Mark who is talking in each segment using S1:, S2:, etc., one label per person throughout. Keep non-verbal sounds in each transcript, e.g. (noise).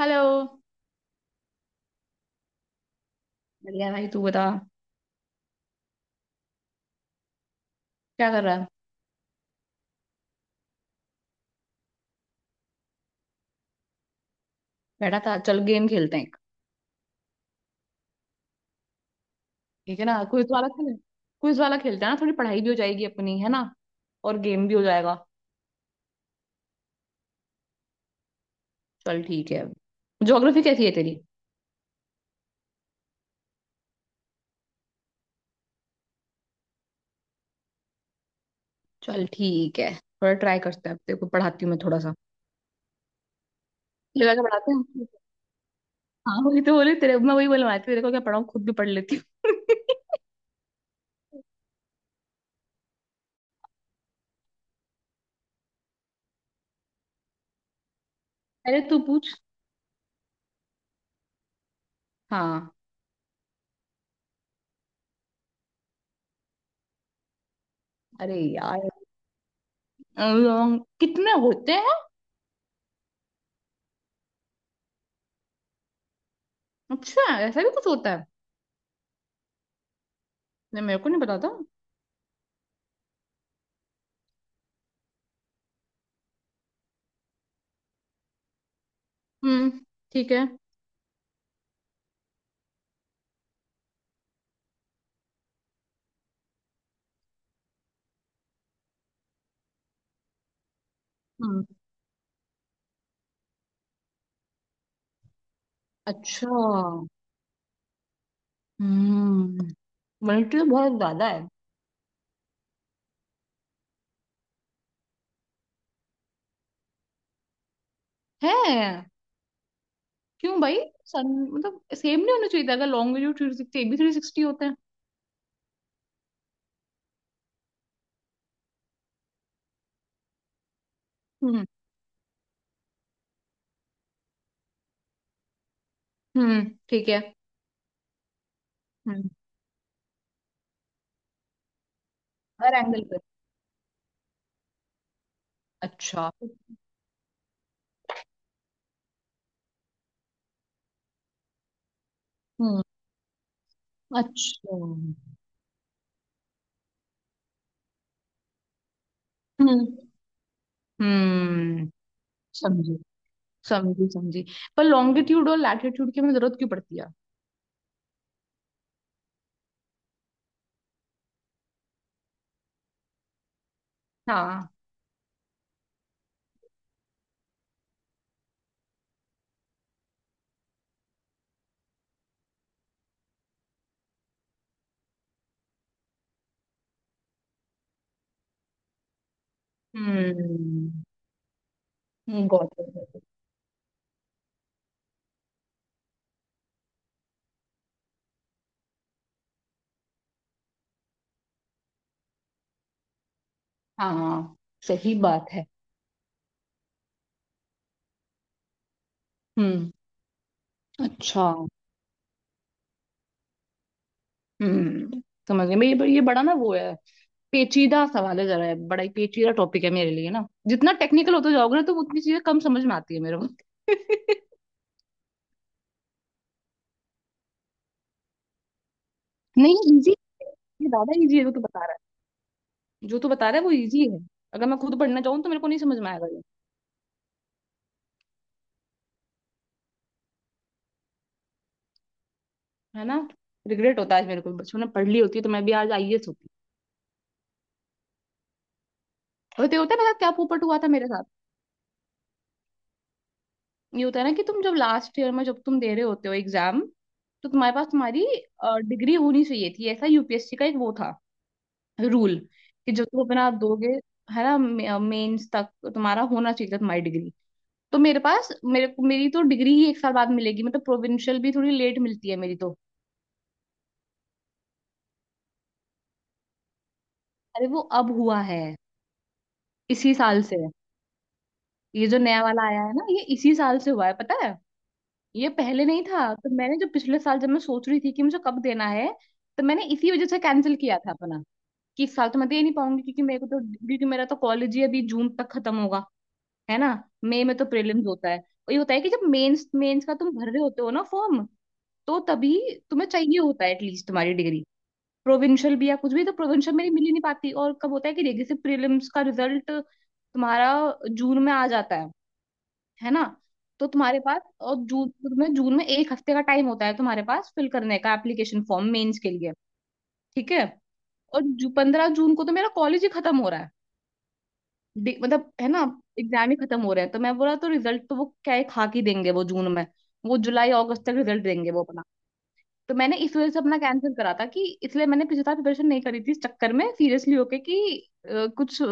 S1: Hello. बढ़िया भाई तू बता। क्या कर रहा है। बैठा था, चल गेम खेलते हैं एक। ठीक है ना, क्विज वाला खेलें। क्विज वाला खेलते हैं ना, थोड़ी पढ़ाई भी हो जाएगी अपनी, है ना। और गेम भी हो जाएगा। चल ठीक है। ज्योग्राफी कैसी है तेरी। चल ठीक है, थोड़ा ट्राई करते हैं, अब तेरे को पढ़ाती हूँ मैं थोड़ा सा। लगा के पढ़ाते हैं। हाँ वही तो बोले तेरे, मैं वही बोलवा रही थी, तेरे को क्या पढ़ाऊँ, खुद भी पढ़ लेती हूँ (laughs) अरे तू पूछ। हाँ। अरे यार, कितने होते हैं। अच्छा। ऐसा भी कुछ होता है। नहीं, मेरे को नहीं पता था। हम्म, ठीक है। हम्म, अच्छा। हम्म। मल्टी तो बहुत ज्यादा है। है। क्यों भाई। सन मतलब सेम नहीं होना चाहिए था, अगर लॉन्ग वीडियो 360, एक भी 360 होता है। हम्म। हम्म, ठीक है। हम्म। हर एंगल पे। अच्छा। हम्म। अच्छा। हम्म, हम्म। समझी। समझी, समझी। पर लॉन्गिट्यूड और लैटिट्यूड की हमें जरूरत क्यों पड़ती है। हाँ। हम्म। Got it. हाँ। सही बात है। हम्म। अच्छा। हम्म। समझ गए, मैं ये बड़ा ना वो है। पेचीदा सवाल है, जरा है बड़ा ही पेचीदा टॉपिक है मेरे लिए ना, जितना टेक्निकल होते जाओगे ना तो उतनी चीजें कम समझ में आती है मेरे को (laughs) नहीं इजी, ये ज्यादा इजी है जो तू बता रहा है, जो तू बता रहा है वो इजी है। अगर मैं खुद पढ़ना चाहूँ तो मेरे को नहीं समझ में आएगा ये। है ना। रिग्रेट होता है आज मेरे को, बचपन में पढ़ ली होती है तो मैं भी आज आईएएस होती। और तो ये होता है, पता है क्या पोपट हुआ था मेरे साथ। ये होता है ना कि तुम जब लास्ट ईयर में जब तुम दे रहे होते हो एग्जाम, तो तुम्हारे पास तुम्हारी डिग्री होनी चाहिए थी, ऐसा यूपीएससी का एक वो था, रूल। कि जो तुम अपना दोगे, है ना, मेंस तक तुम्हारा होना चाहिए था तुम्हारी डिग्री। तो मेरे पास, मेरे को मेरी तो डिग्री ही एक साल बाद मिलेगी, मतलब प्रोविंशियल भी थोड़ी लेट मिलती है मेरी तो। अरे वो अब हुआ है, इसी साल से। ये जो नया वाला आया है ना, ये इसी साल से हुआ है पता है। ये पहले नहीं था, तो मैंने जो पिछले साल जब मैं सोच रही थी कि मुझे कब देना है। तो मैंने इसी वजह से कैंसिल किया था अपना, कि इस साल तो मैं दे नहीं पाऊंगी क्योंकि मेरे को तो। क्योंकि मेरा तो कॉलेज ही अभी जून तक खत्म होगा, है ना। मई में तो प्रीलिम्स होता है, और ये होता है कि जब मेंस मेंस का तुम भर रहे होते हो ना फॉर्म, तो तभी तुम्हें चाहिए होता है एटलीस्ट तुम्हारी डिग्री। प्रोविंशियल भी या कुछ भी, तो प्रोविंशियल मेरी मिल ही नहीं पाती, और कब होता है कि जैसे प्रीलिम्स का रिजल्ट तुम्हारा जून में आ जाता है ना। तो तुम्हारे पास, और जून, तुम्हें जून में एक हफ्ते का टाइम होता है तुम्हारे पास फिल करने का एप्लीकेशन फॉर्म मेंस के लिए। ठीक है। और 15 जून को तो मेरा कॉलेज ही खत्म हो रहा है। मतलब है ना, एग्जाम ही खत्म हो रहे हैं, तो मैं बोला, तो रिजल्ट तो वो क्या है खा के देंगे वो जून में। वो जुलाई अगस्त तक रिजल्ट देंगे वो अपना। तो मैंने इस वजह से अपना कैंसिल करा था, कि इसलिए मैंने पिछली साल प्रिपरेशन नहीं करी थी इस चक्कर में सीरियसली होके कि कुछ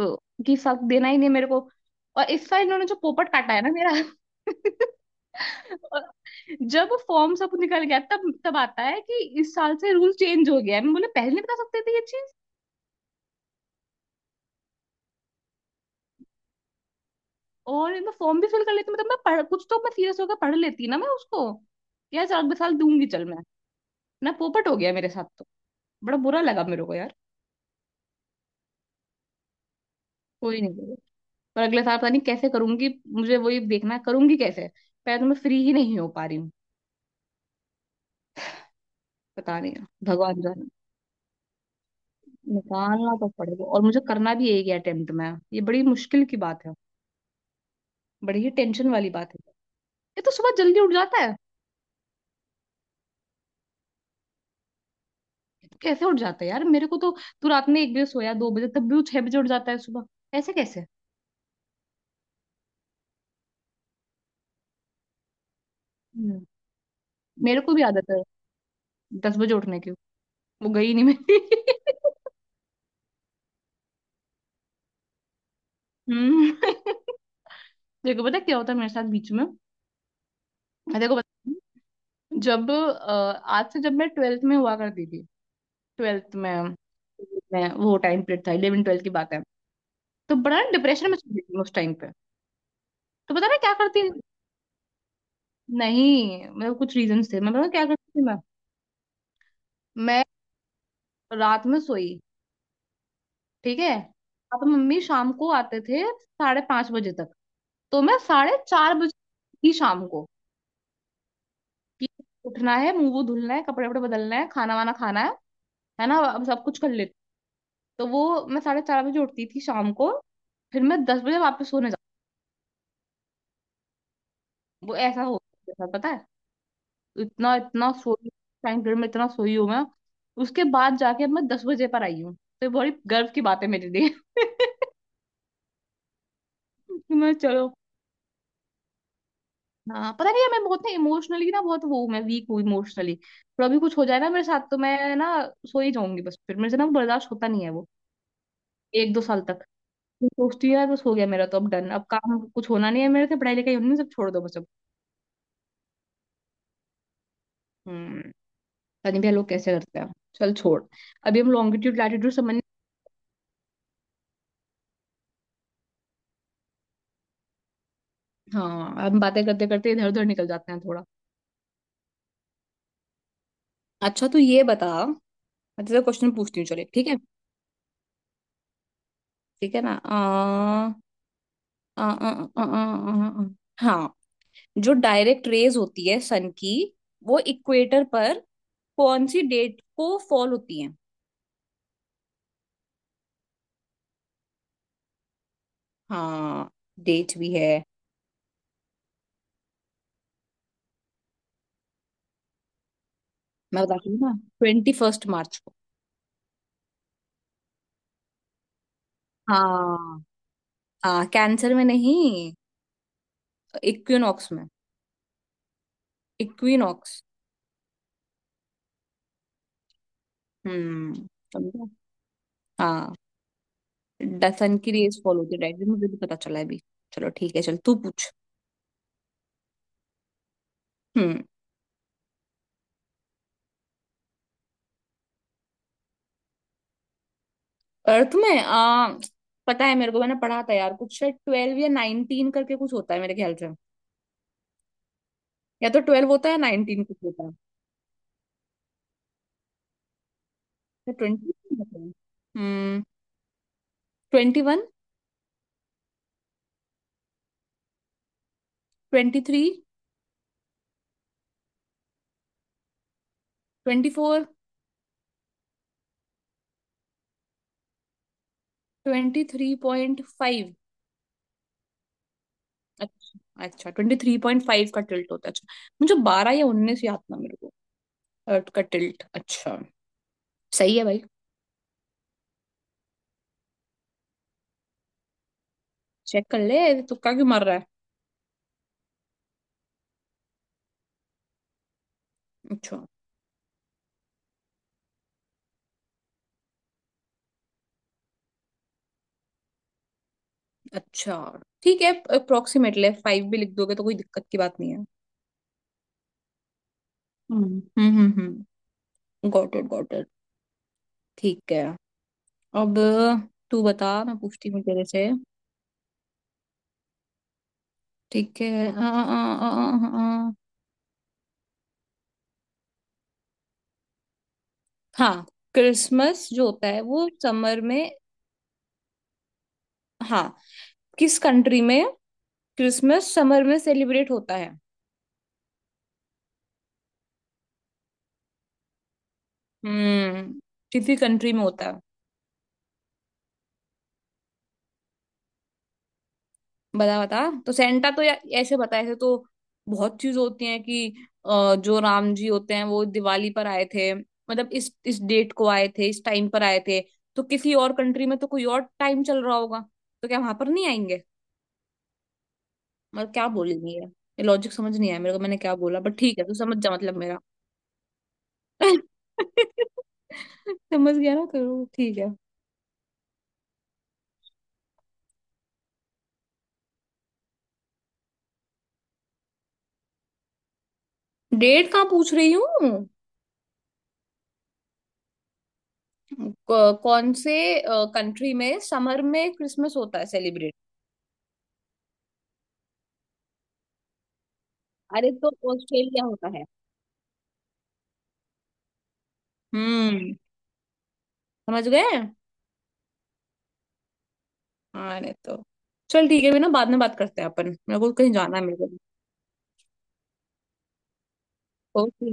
S1: कि सब देना ही नहीं मेरे को। और इस साल इन्होंने जो पोपट काटा है ना मेरा (laughs) और जब फॉर्म सब निकल गया तब तब आता है कि इस साल से रूल चेंज हो गया है, मैं बोले पहले नहीं बता सकते थे ये। और मैं फॉर्म भी फिल कर लेती, मतलब मैं पढ़, कुछ तो मैं सीरियस होकर पढ़ लेती ना मैं उसको। यार साल साल दूंगी चल मैं ना, पोपट हो गया मेरे साथ तो, बड़ा बुरा लगा मेरे को यार। कोई नहीं करेगा। पर अगले साल पता नहीं कैसे करूंगी। मुझे वही देखना है, करूंगी कैसे। पहले तो मैं फ्री ही नहीं हो पा रही हूँ। पता नहीं, भगवान जाने। निकालना तो पड़ेगा, और मुझे करना भी एक ही अटेम्प्ट में है। ये बड़ी मुश्किल की बात है। बड़ी ही टेंशन वाली बात है। ये तो सुबह जल्दी उठ जाता है। ये तो कैसे उठ जाता है यार, मेरे को तो। तू रात में 1 बजे सोया, 2 बजे, तब भी वो 6 बजे उठ जाता है सुबह। ऐसे कैसे। मेरे को भी आदत है, 10 बजे उठने की। वो गई नहीं मेरी (laughs) हम्म। देखो पता है क्या होता है मेरे साथ बीच में। मैं देखो बता। जब आज से जब मैं 12th में हुआ करती थी, 12th में वो टाइम पीरियड था, 11th 12th की बात है। तो बड़ा डिप्रेशन में चली गई मैं उस टाइम पे। तो पता है मैं क्या करती। नहीं मतलब कुछ रीजन थे, मैं पता है क्या करती थी मैं। मैं रात में सोई, ठीक है। अब मम्मी शाम को आते थे 5:30 बजे तक। तो मैं 4:30 बजे थी शाम को। कि उठना है, मुंह वो धुलना है, कपड़े वपड़े बदलना है, खाना वाना खाना है ना, अब सब कुछ कर लेते। तो वो मैं 4:30 बजे उठती थी शाम को। फिर मैं 10 बजे वापस सोने जाती, वो ऐसा हो गया था, पता है। इतना, इतना सोई टाइम पीरियड में, इतना सोई हूँ मैं। उसके बाद जाके अब मैं 10 बजे पर आई हूँ, तो ये बड़ी गर्व की बात है मेरे लिए (laughs) मैं चलो, हाँ पता नहीं है, मैं बहुत ना इमोशनली ना बहुत वो हूँ, मैं वीक हूँ इमोशनली। पर अभी कुछ हो जाए ना मेरे साथ तो मैं ना सो ही जाऊंगी बस, फिर मेरे से ना वो बर्दाश्त होता नहीं है वो। एक दो साल तक फिर सोचती हूँ, यार बस हो गया मेरा तो, अब डन, अब काम कुछ होना नहीं है मेरे से, पढ़ाई लिखाई होनी नहीं, सब छोड़ दो बस अब। हम्म। पता नहीं भैया लोग कैसे करते हैं। चल छोड़। अभी हम लॉन्गिट्यूड लैटिट्यूड समझ। हाँ, हम बातें करते करते इधर उधर निकल जाते हैं थोड़ा। अच्छा तो ये बता, मैं तुझसे क्वेश्चन पूछती हूँ, चले ठीक है। ठीक है ना, आ, आ, आ, आ, आ, आ, आ, हाँ, जो डायरेक्ट रेज होती है सन की, वो इक्वेटर पर कौन सी डेट को फॉल होती है। हाँ, डेट भी है। मैं बताती हूँ ना, 21 मार्च। हाँ। हाँ, कैंसर में नहीं, इक्विनॉक्स में। इक्विनॉक्स। हम्म, समझा। हाँ। सन की रेस फॉलो होती है डायरेक्ट, मुझे भी पता चला है अभी। चलो ठीक है, चल तू पूछ। हम्म। अर्थ में पता है मेरे को, मैंने पढ़ा था यार कुछ, शायद 12 या 19 करके कुछ होता है मेरे ख्याल से। या तो 12 होता है या 19 कुछ होता है। या 20 होता है। हम्म। 21। 23। 24। 23.5। अच्छा। अच्छा, 23.5 का टिल्ट होता है, अच्छा। मुझे 12 या 19 याद था मेरे को। का टिल्ट, अच्छा। सही है भाई। चेक कर ले, तुक्का क्यों मार रहा है। अच्छा। अच्छा ठीक है, अप्रोक्सीमेटली फाइव भी लिख दोगे तो कोई दिक्कत की बात नहीं है। Hmm, hmm, hmm, hmm. Got it, got it. ठीक है। अब तू बता, मैं पूछती हूँ तेरे से। ठीक है, आ, आ, आ, आ, आ, हाँ, क्रिसमस जो होता है वो समर में। हाँ। किस कंट्री में क्रिसमस समर में सेलिब्रेट होता है। हम्म। किसी कंट्री में होता है। बता, बता। तो सेंटा तो या, ऐसे बता, ऐसे तो बहुत चीज होती है कि जो राम जी होते हैं वो दिवाली पर आए थे, मतलब इस डेट को आए थे, इस टाइम पर आए थे। तो किसी और कंट्री में तो कोई और टाइम चल रहा होगा, तो क्या वहां पर नहीं आएंगे। मतलब क्या बोलेंगे, ये लॉजिक समझ नहीं आया मेरे को, मैंने क्या बोला, बट ठीक है तू समझ जा मतलब मेरा (laughs) समझ गया ना, करो ठीक है। डेट कहाँ पूछ रही हूँ। कौन से कंट्री में समर में क्रिसमस होता है सेलिब्रेट। अरे तो ऑस्ट्रेलिया होता है। हम्म। समझ गए। अरे तो चल ठीक है भी ना, बाद में बात करते हैं अपन, मेरे को कहीं जाना है मेरे को। ओके।